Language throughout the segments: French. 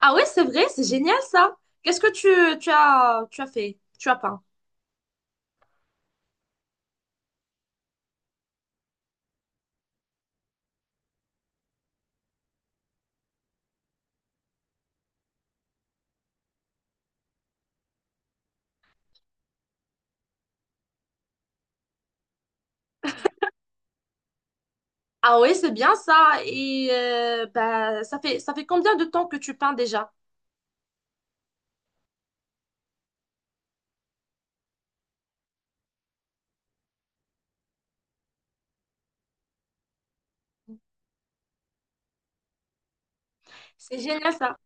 Ah ouais, c'est vrai, c'est génial ça. Qu'est-ce que tu as fait? Tu as peint. Ah ouais, c'est bien ça. Et bah, ça fait combien de temps que tu peins déjà? C'est génial ça.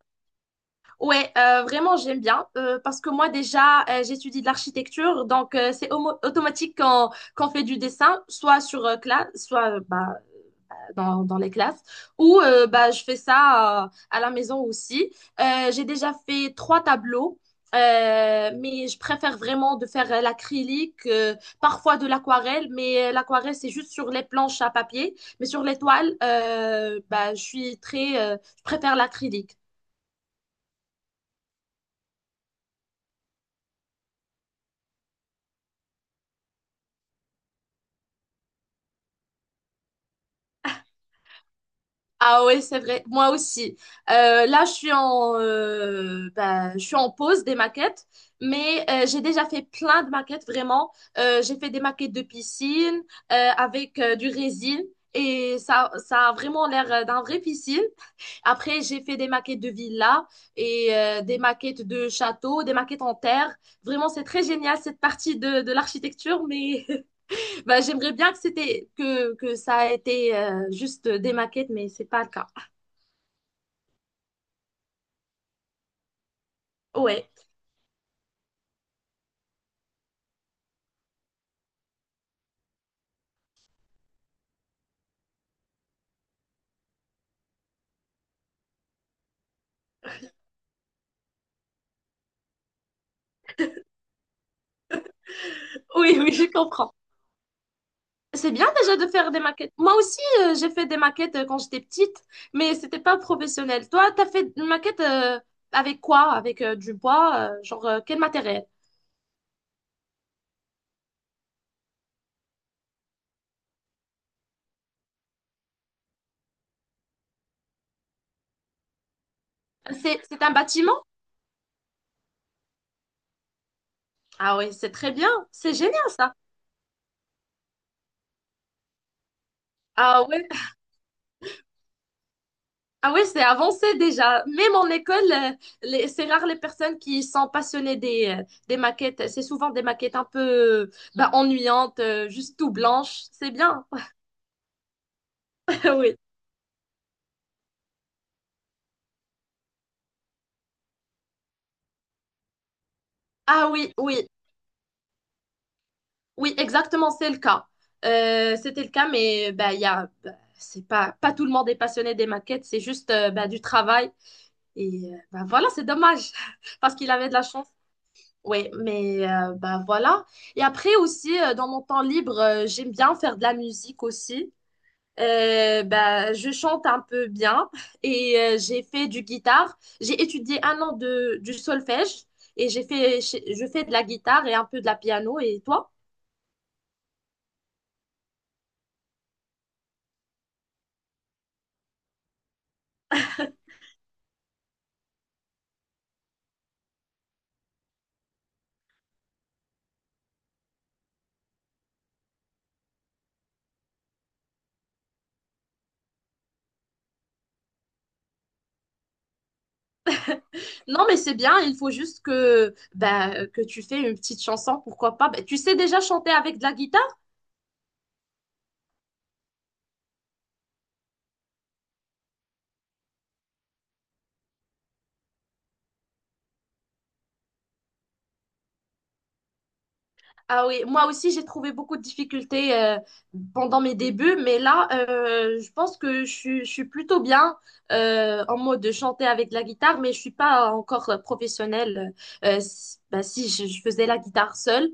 Ouais, vraiment j'aime bien parce que moi déjà j'étudie de l'architecture donc c'est automatique quand qu'on fait du dessin soit sur classe soit bah, dans les classes. Ou bah, je fais ça à la maison aussi. J'ai déjà fait trois tableaux. Mais je préfère vraiment de faire l'acrylique, parfois de l'aquarelle, mais l'aquarelle, c'est juste sur les planches à papier. Mais sur les toiles, bah, je suis très, je préfère l'acrylique. Ah ouais, c'est vrai. Moi aussi. Là, bah, je suis en pause des maquettes, mais j'ai déjà fait plein de maquettes, vraiment. J'ai fait des maquettes de piscine avec du résine. Et ça a vraiment l'air d'un vrai piscine. Après, j'ai fait des maquettes de villas et des maquettes de châteaux, des maquettes en terre. Vraiment, c'est très génial cette partie de l'architecture, mais bah, j'aimerais bien que ça a été juste des maquettes, mais c'est pas le cas. Ouais, oui, oui, je comprends. C'est bien déjà de faire des maquettes. Moi aussi, j'ai fait des maquettes quand j'étais petite, mais c'était pas professionnel. Toi, t'as fait une maquette avec quoi? Avec du bois, genre quel matériel? C'est un bâtiment? Ah oui, c'est très bien. C'est génial ça. Ah ouais, ah ouais, c'est avancé déjà. Même en école, c'est rare les personnes qui sont passionnées des maquettes. C'est souvent des maquettes un peu bah, ennuyantes, juste tout blanches. C'est bien. Oui. Ah oui, oui. Oui, exactement, c'est le cas. C'était le cas, mais bah, bah, c'est pas tout le monde est passionné des maquettes, c'est juste bah, du travail. Et bah, voilà, c'est dommage, parce qu'il avait de la chance. Oui, mais bah, voilà. Et après aussi, dans mon temps libre, j'aime bien faire de la musique aussi. Bah, je chante un peu bien et j'ai fait du guitare. J'ai étudié un an du solfège et je fais de la guitare et un peu de la piano. Et toi? Non, mais c'est bien, il faut juste que, bah, que tu fais une petite chanson, pourquoi pas. Bah, tu sais déjà chanter avec de la guitare? Ah oui, moi aussi j'ai trouvé beaucoup de difficultés pendant mes débuts, mais là je pense que je suis plutôt bien en mode de chanter avec la guitare, mais je suis pas encore professionnelle. Si, bah, si je faisais la guitare seule,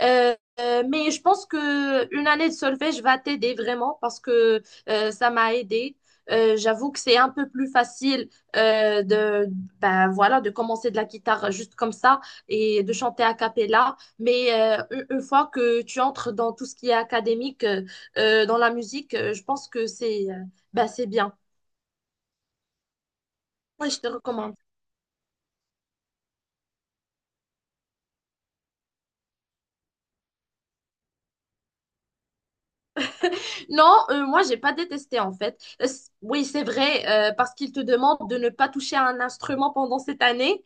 Euh, mais je pense que une année de solfège va t'aider vraiment parce que ça m'a aidé. J'avoue que c'est un peu plus facile de ben voilà de commencer de la guitare juste comme ça et de chanter a cappella. Mais une fois que tu entres dans tout ce qui est académique dans la musique, je pense que c'est ben, c'est bien. Moi, je te recommande. Non, moi, j'ai pas détesté en fait. Oui, c'est vrai, parce qu'il te demande de ne pas toucher à un instrument pendant cette année.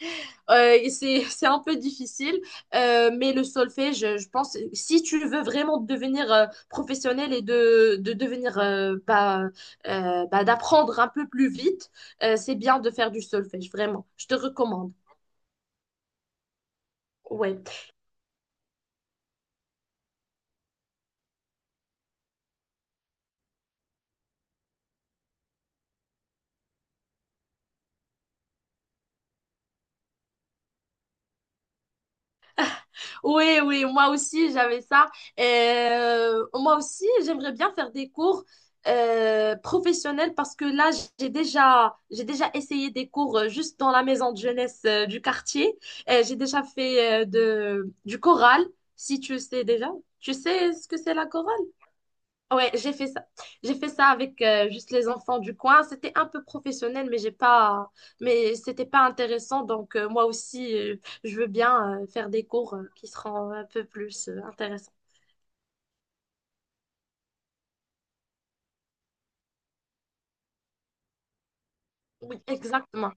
Et c'est, c'est un peu difficile. Mais le solfège, je pense, si tu veux vraiment devenir professionnel et de devenir, d'apprendre un peu plus vite, c'est bien de faire du solfège, vraiment. Je te recommande. Ouais. Oui, oui, moi aussi, j'avais ça. Moi aussi, j'aimerais bien faire des cours professionnels parce que là, j'ai déjà essayé des cours juste dans la maison de jeunesse du quartier. J'ai déjà fait du choral, si tu sais déjà. Tu sais ce que c'est la chorale? Ouais, j'ai fait ça. J'ai fait ça avec juste les enfants du coin. C'était un peu professionnel, mais c'était pas intéressant. Donc moi aussi, je veux bien faire des cours qui seront un peu plus intéressants. Oui, exactement.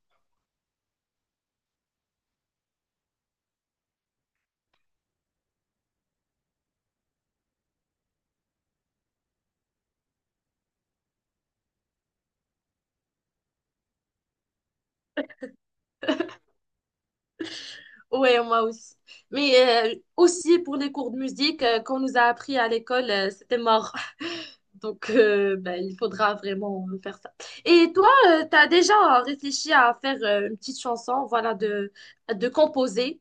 Ouais, moi aussi. Mais aussi pour les cours de musique qu'on nous a appris à l'école, c'était mort. Donc ben, il faudra vraiment faire ça. Et toi, tu as déjà réfléchi à faire une petite chanson, voilà, de composer.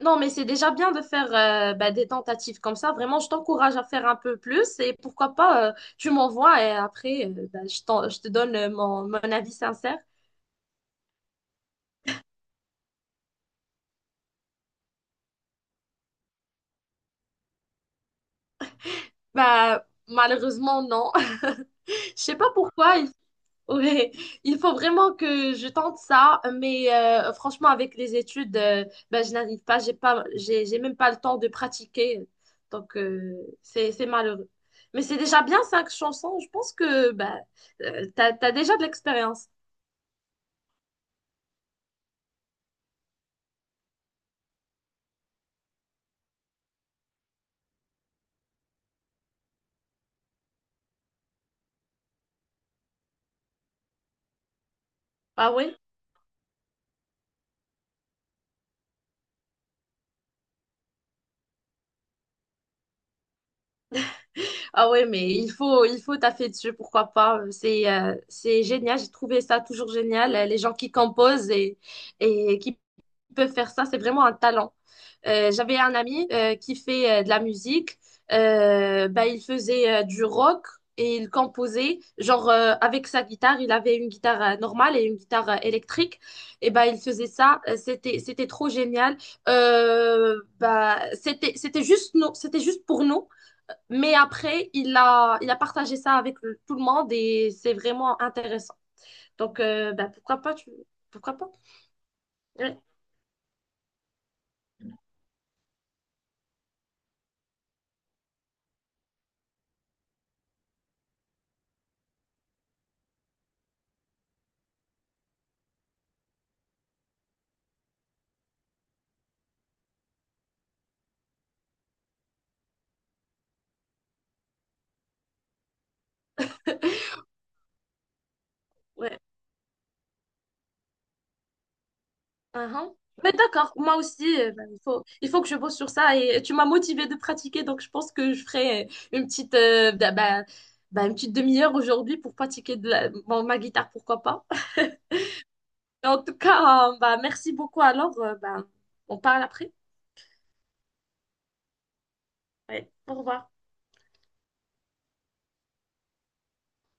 Non, mais c'est déjà bien de faire bah, des tentatives comme ça. Vraiment, je t'encourage à faire un peu plus et pourquoi pas, tu m'envoies et après, bah, je te donne mon avis sincère. Bah, malheureusement, non. Je sais pas pourquoi. Ouais, il faut vraiment que je tente ça, mais franchement, avec les études, ben, je n'arrive pas, j'ai même pas le temps de pratiquer. Donc, c'est malheureux. Mais c'est déjà bien cinq chansons. Je pense que bah t'as déjà de l'expérience. Ah ouais? Ah ouais, mais il faut taffer dessus, pourquoi pas. C'est génial, j'ai trouvé ça toujours génial. Les gens qui composent et qui peuvent faire ça, c'est vraiment un talent. J'avais un ami qui fait de la musique. Bah, il faisait du rock et il composait, genre avec sa guitare. Il avait une guitare normale et une guitare électrique. Et bah, il faisait ça. C'était trop génial. Bah, c'était juste nous, c'était juste pour nous. Mais après, il a partagé ça avec tout le monde et c'est vraiment intéressant. Donc, bah, pourquoi pas, pourquoi pas? Ouais, ouais. Uhum. Mais d'accord, moi aussi, bah, il faut que je bosse sur ça et tu m'as motivée de pratiquer, donc je pense que je ferai une petite, bah, bah, bah, une petite demi-heure aujourd'hui pour pratiquer bon, ma guitare, pourquoi pas. En tout cas, bah, merci beaucoup alors, bah, on parle après. Ouais, au revoir.